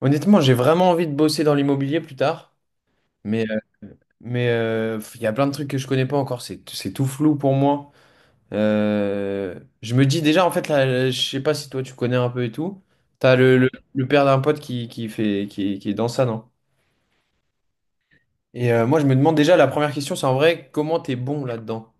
Honnêtement, j'ai vraiment envie de bosser dans l'immobilier plus tard, mais euh, mais il y a plein de trucs que je connais pas encore, c'est tout flou pour moi. Je me dis déjà en fait là, je sais pas si toi tu connais un peu et tout. T'as le père d'un pote qui est dans ça, non? Et moi je me demande déjà la première question, c'est en vrai comment t'es bon là-dedans?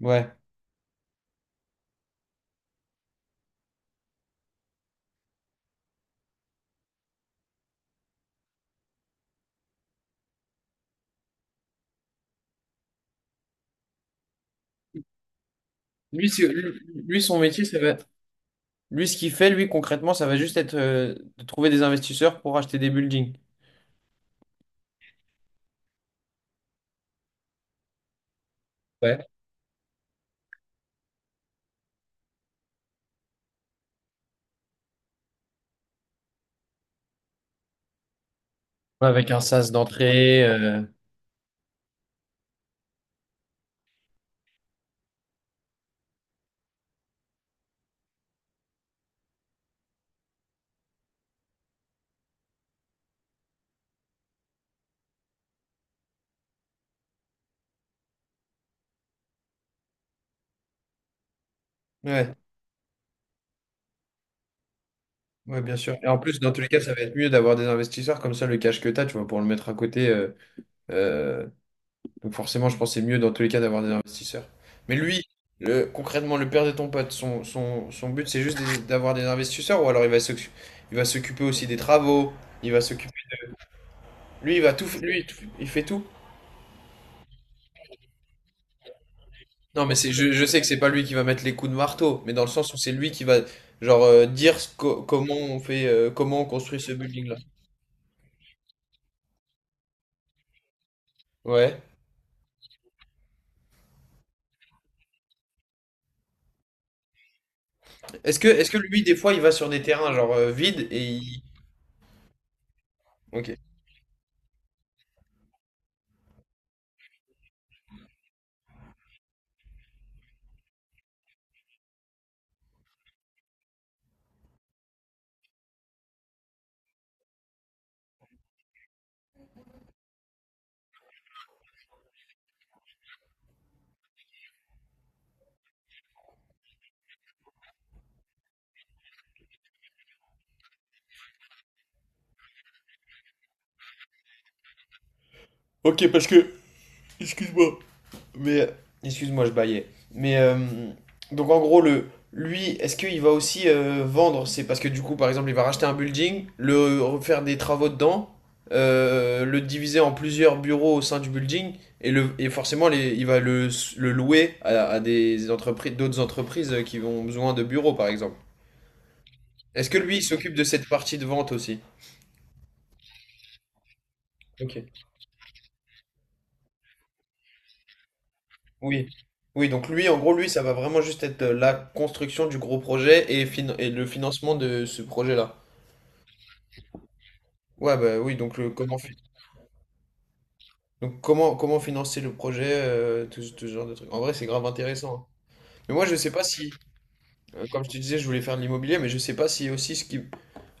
Ouais. Lui, c'est- lui, lui, son métier, ça va Lui, ce qu'il fait, lui, concrètement, ça va juste être de trouver des investisseurs pour acheter des buildings. Ouais. Avec un sas d'entrée. Ouais, ouais, bien sûr. Et en plus, dans tous les cas, ça va être mieux d'avoir des investisseurs comme ça, le cash que tu as, tu vois, pour le mettre à côté. Euh, donc forcément, je pense que c'est mieux dans tous les cas d'avoir des investisseurs. Mais lui, concrètement, le père de ton pote, son but, c'est juste d'avoir des investisseurs ou alors il va s'occuper aussi des travaux, il va s'occuper. Lui, il va tout, f- lui, il tout- il fait tout. Non, mais c'est, je sais que c'est pas lui qui va mettre les coups de marteau, mais dans le sens où c'est lui qui va, genre, dire comment on fait, comment on construit ce building-là. Ouais. Est-ce que lui, des fois, il va sur des terrains genre vides et il... Ok. Ok, parce que, excuse-moi, mais Excuse-moi, je baillais. Mais donc en gros, le, lui, est-ce qu'il va aussi vendre? C'est parce que du coup, par exemple, il va racheter un building, le refaire des travaux dedans, le diviser en plusieurs bureaux au sein du building, et, le, et forcément, il va le louer à des entreprises, d'autres entreprises qui ont besoin de bureaux, par exemple. Est-ce que lui, il s'occupe de cette partie de vente aussi? Ok. Oui. Oui, donc lui, en gros, lui, ça va vraiment juste être la construction du gros projet et, et le financement de ce projet-là. Ouais, bah oui, donc le, comment, donc comment, comment financer le projet, tout ce genre de trucs. En vrai, c'est grave intéressant. Hein. Mais moi, je sais pas si, comme je te disais, je voulais faire de l'immobilier, mais je sais pas si aussi ce qui...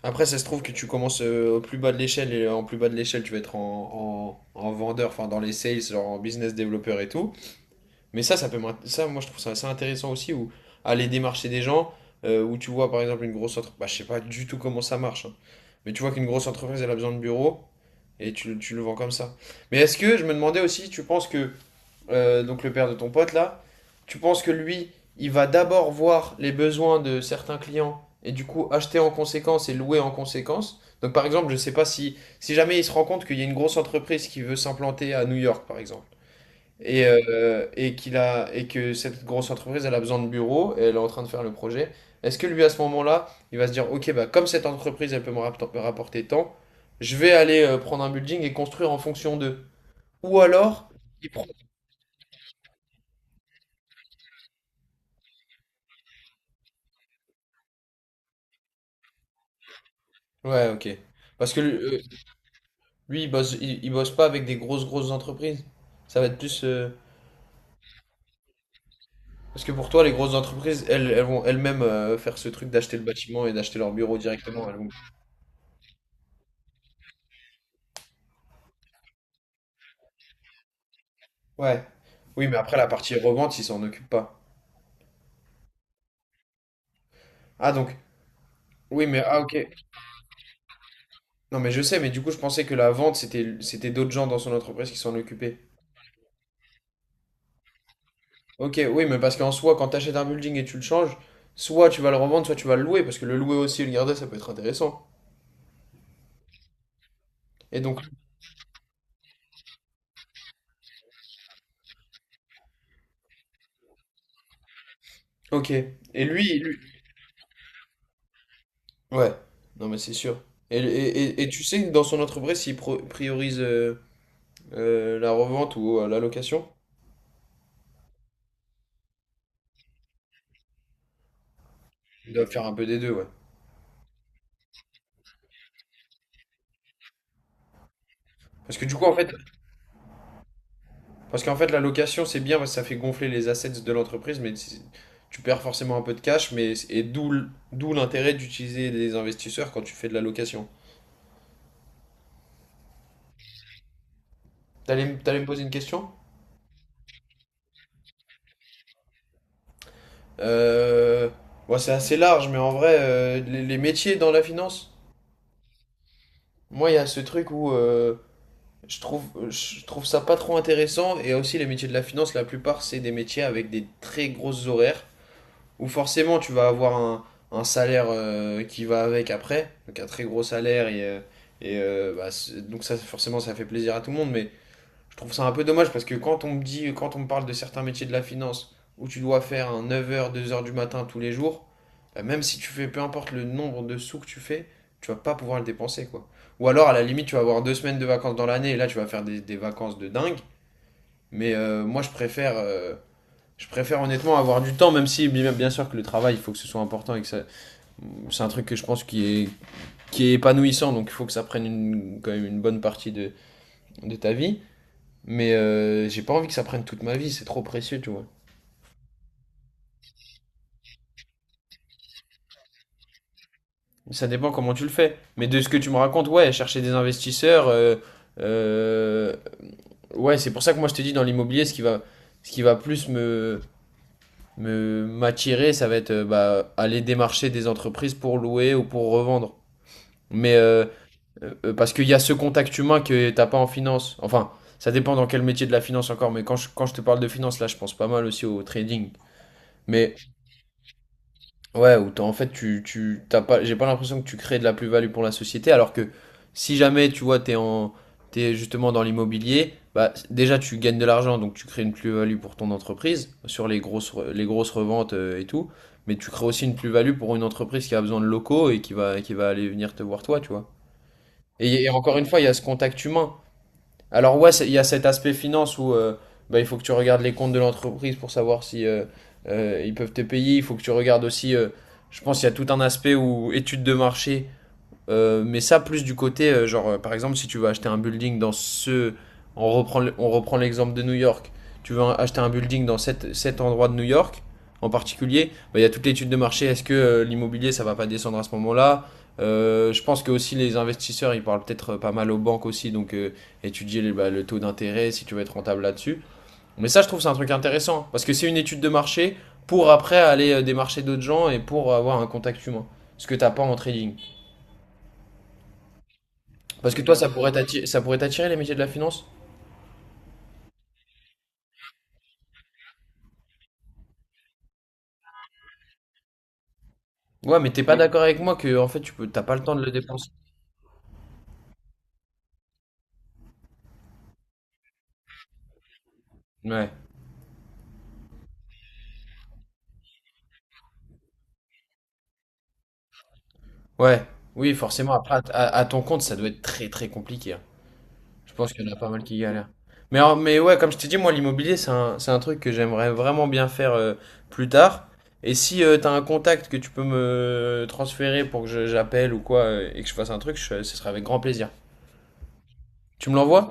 Après, ça se trouve que tu commences au plus bas de l'échelle et en plus bas de l'échelle, tu vas être en vendeur, enfin dans les sales, genre en business développeur et tout. Mais ça, ça, moi, je trouve ça assez intéressant aussi, où aller démarcher des gens, où tu vois, par exemple, une grosse entreprise, bah, je sais pas du tout comment ça marche, hein. Mais tu vois qu'une grosse entreprise, elle a besoin de bureaux, et tu le vends comme ça. Mais est-ce que, je me demandais aussi, tu penses que, donc le père de ton pote, là, tu penses que lui, il va d'abord voir les besoins de certains clients, et du coup, acheter en conséquence et louer en conséquence? Donc, par exemple, je sais pas si, si jamais il se rend compte qu'il y a une grosse entreprise qui veut s'implanter à New York, par exemple. Et qu'il a, et que cette grosse entreprise, elle a besoin de bureaux et elle est en train de faire le projet. Est-ce que lui, à ce moment-là, il va se dire, OK, bah, comme cette entreprise, elle peut me rapporter tant, je vais aller prendre un building et construire en fonction d'eux. Ou alors, il prend. Ouais, OK. Parce que lui, lui, il bosse, il bosse pas avec des grosses, grosses entreprises. Ça va être plus. Parce que pour toi, les grosses entreprises, elles, elles vont elles-mêmes faire ce truc d'acheter le bâtiment et d'acheter leur bureau directement. Elles vont- Ouais. Oui, mais après, la partie revente, ils s'en occupent pas. Ah, donc Oui, mais ah ok. Non, mais je sais, mais du coup, je pensais que la vente, c'était d'autres gens dans son entreprise qui s'en occupaient. Ok, oui, mais parce qu'en soi, quand tu achètes un building et tu le changes, soit tu vas le revendre, soit tu vas le louer, parce que le louer aussi et le garder, ça peut être intéressant. Et donc, ok. Et lui... Ouais, non, mais c'est sûr. Et tu sais, dans son entreprise, s'il priorise la revente ou la location, il doit faire un peu des deux, ouais. Parce que du coup, en fait, parce qu'en fait, la location, c'est bien parce que ça fait gonfler les assets de l'entreprise, mais c'est- tu perds forcément un peu de cash, mais et d'où l'intérêt d'utiliser des investisseurs quand tu fais de la location. T'allais me poser une question? Euh, ouais, c'est assez large, mais en vrai, les métiers dans la finance, moi, il y a ce truc où je trouve, je trouve ça pas trop intéressant, et aussi les métiers de la finance, la plupart, c'est des métiers avec des très grosses horaires. Où forcément tu vas avoir un salaire qui va avec après, donc un très gros salaire et, bah, donc ça forcément ça fait plaisir à tout le monde, mais je trouve ça un peu dommage parce que quand on me dit, quand on me parle de certains métiers de la finance où tu dois faire un 9 heures 2 heures du matin tous les jours, bah, même si tu fais peu importe le nombre de sous que tu fais, tu vas pas pouvoir le dépenser quoi. Ou alors à la limite tu vas avoir deux semaines de vacances dans l'année et là tu vas faire des vacances de dingue, mais moi je préfère honnêtement avoir du temps, même si bien sûr que le travail, il faut que ce soit important et que ça... c'est un truc que je pense qui est épanouissant, donc il faut que ça prenne quand même une bonne partie de ta vie. Mais j'ai pas envie que ça prenne toute ma vie, c'est trop précieux, tu vois. Ça dépend comment tu le fais. Mais de ce que tu me racontes, ouais, chercher des investisseurs, euh, ouais, c'est pour ça que moi je te dis dans l'immobilier, ce qui va plus me me m'attirer, ça va être bah, aller démarcher des entreprises pour louer ou pour revendre. Mais parce qu'il y a ce contact humain que t'as pas en finance. Enfin, ça dépend dans quel métier de la finance encore, mais quand quand je te parle de finance, là, je pense pas mal aussi au trading. Mais ouais, où en fait, t'as pas, j'ai pas l'impression que tu crées de la plus-value pour la société, alors que si jamais, tu vois, t'es justement dans l'immobilier, bah, déjà, tu gagnes de l'argent, donc tu crées une plus-value pour ton entreprise, sur les grosses, les grosses reventes et tout, mais tu crées aussi une plus-value pour une entreprise qui a besoin de locaux et qui va aller venir te voir toi, tu vois. Et encore une fois, il y a ce contact humain. Alors ouais, il y a cet aspect finance où bah, il faut que tu regardes les comptes de l'entreprise pour savoir si ils peuvent te payer. Il faut que tu regardes aussi, je pense, il y a tout un aspect où études de marché mais ça, plus du côté, genre, par exemple, si tu veux acheter un building dans ce. On reprend, on reprend l'exemple de New York. Tu veux acheter un building dans cet, cet endroit de New York, en particulier, bah, il y a toute l'étude de marché. Est-ce que l'immobilier, ça va pas descendre à ce moment-là? Je pense que aussi les investisseurs, ils parlent peut-être pas mal aux banques aussi, donc bah, le taux d'intérêt, si tu veux être rentable là-dessus. Mais ça, je trouve, c'est un truc intéressant, parce que c'est une étude de marché pour après aller démarcher d'autres gens et pour avoir un contact humain. Ce que t'as pas en trading. Parce que toi, ça pourrait t'attirer les métiers de la finance? Ouais, mais t'es pas d'accord avec moi que en fait tu peux, t'as pas le temps de le dépenser. Ouais, ouais, oui, forcément. Après, à, à ton compte, ça doit être très très compliqué. Hein. Je pense qu'il y en a pas mal qui galèrent. Mais ouais, comme je t'ai dit, moi l'immobilier, c'est un truc que j'aimerais vraiment bien faire plus tard. Et si t'as un contact que tu peux me transférer pour que j'appelle ou quoi et que je fasse un truc, ce sera avec grand plaisir. Tu me l'envoies?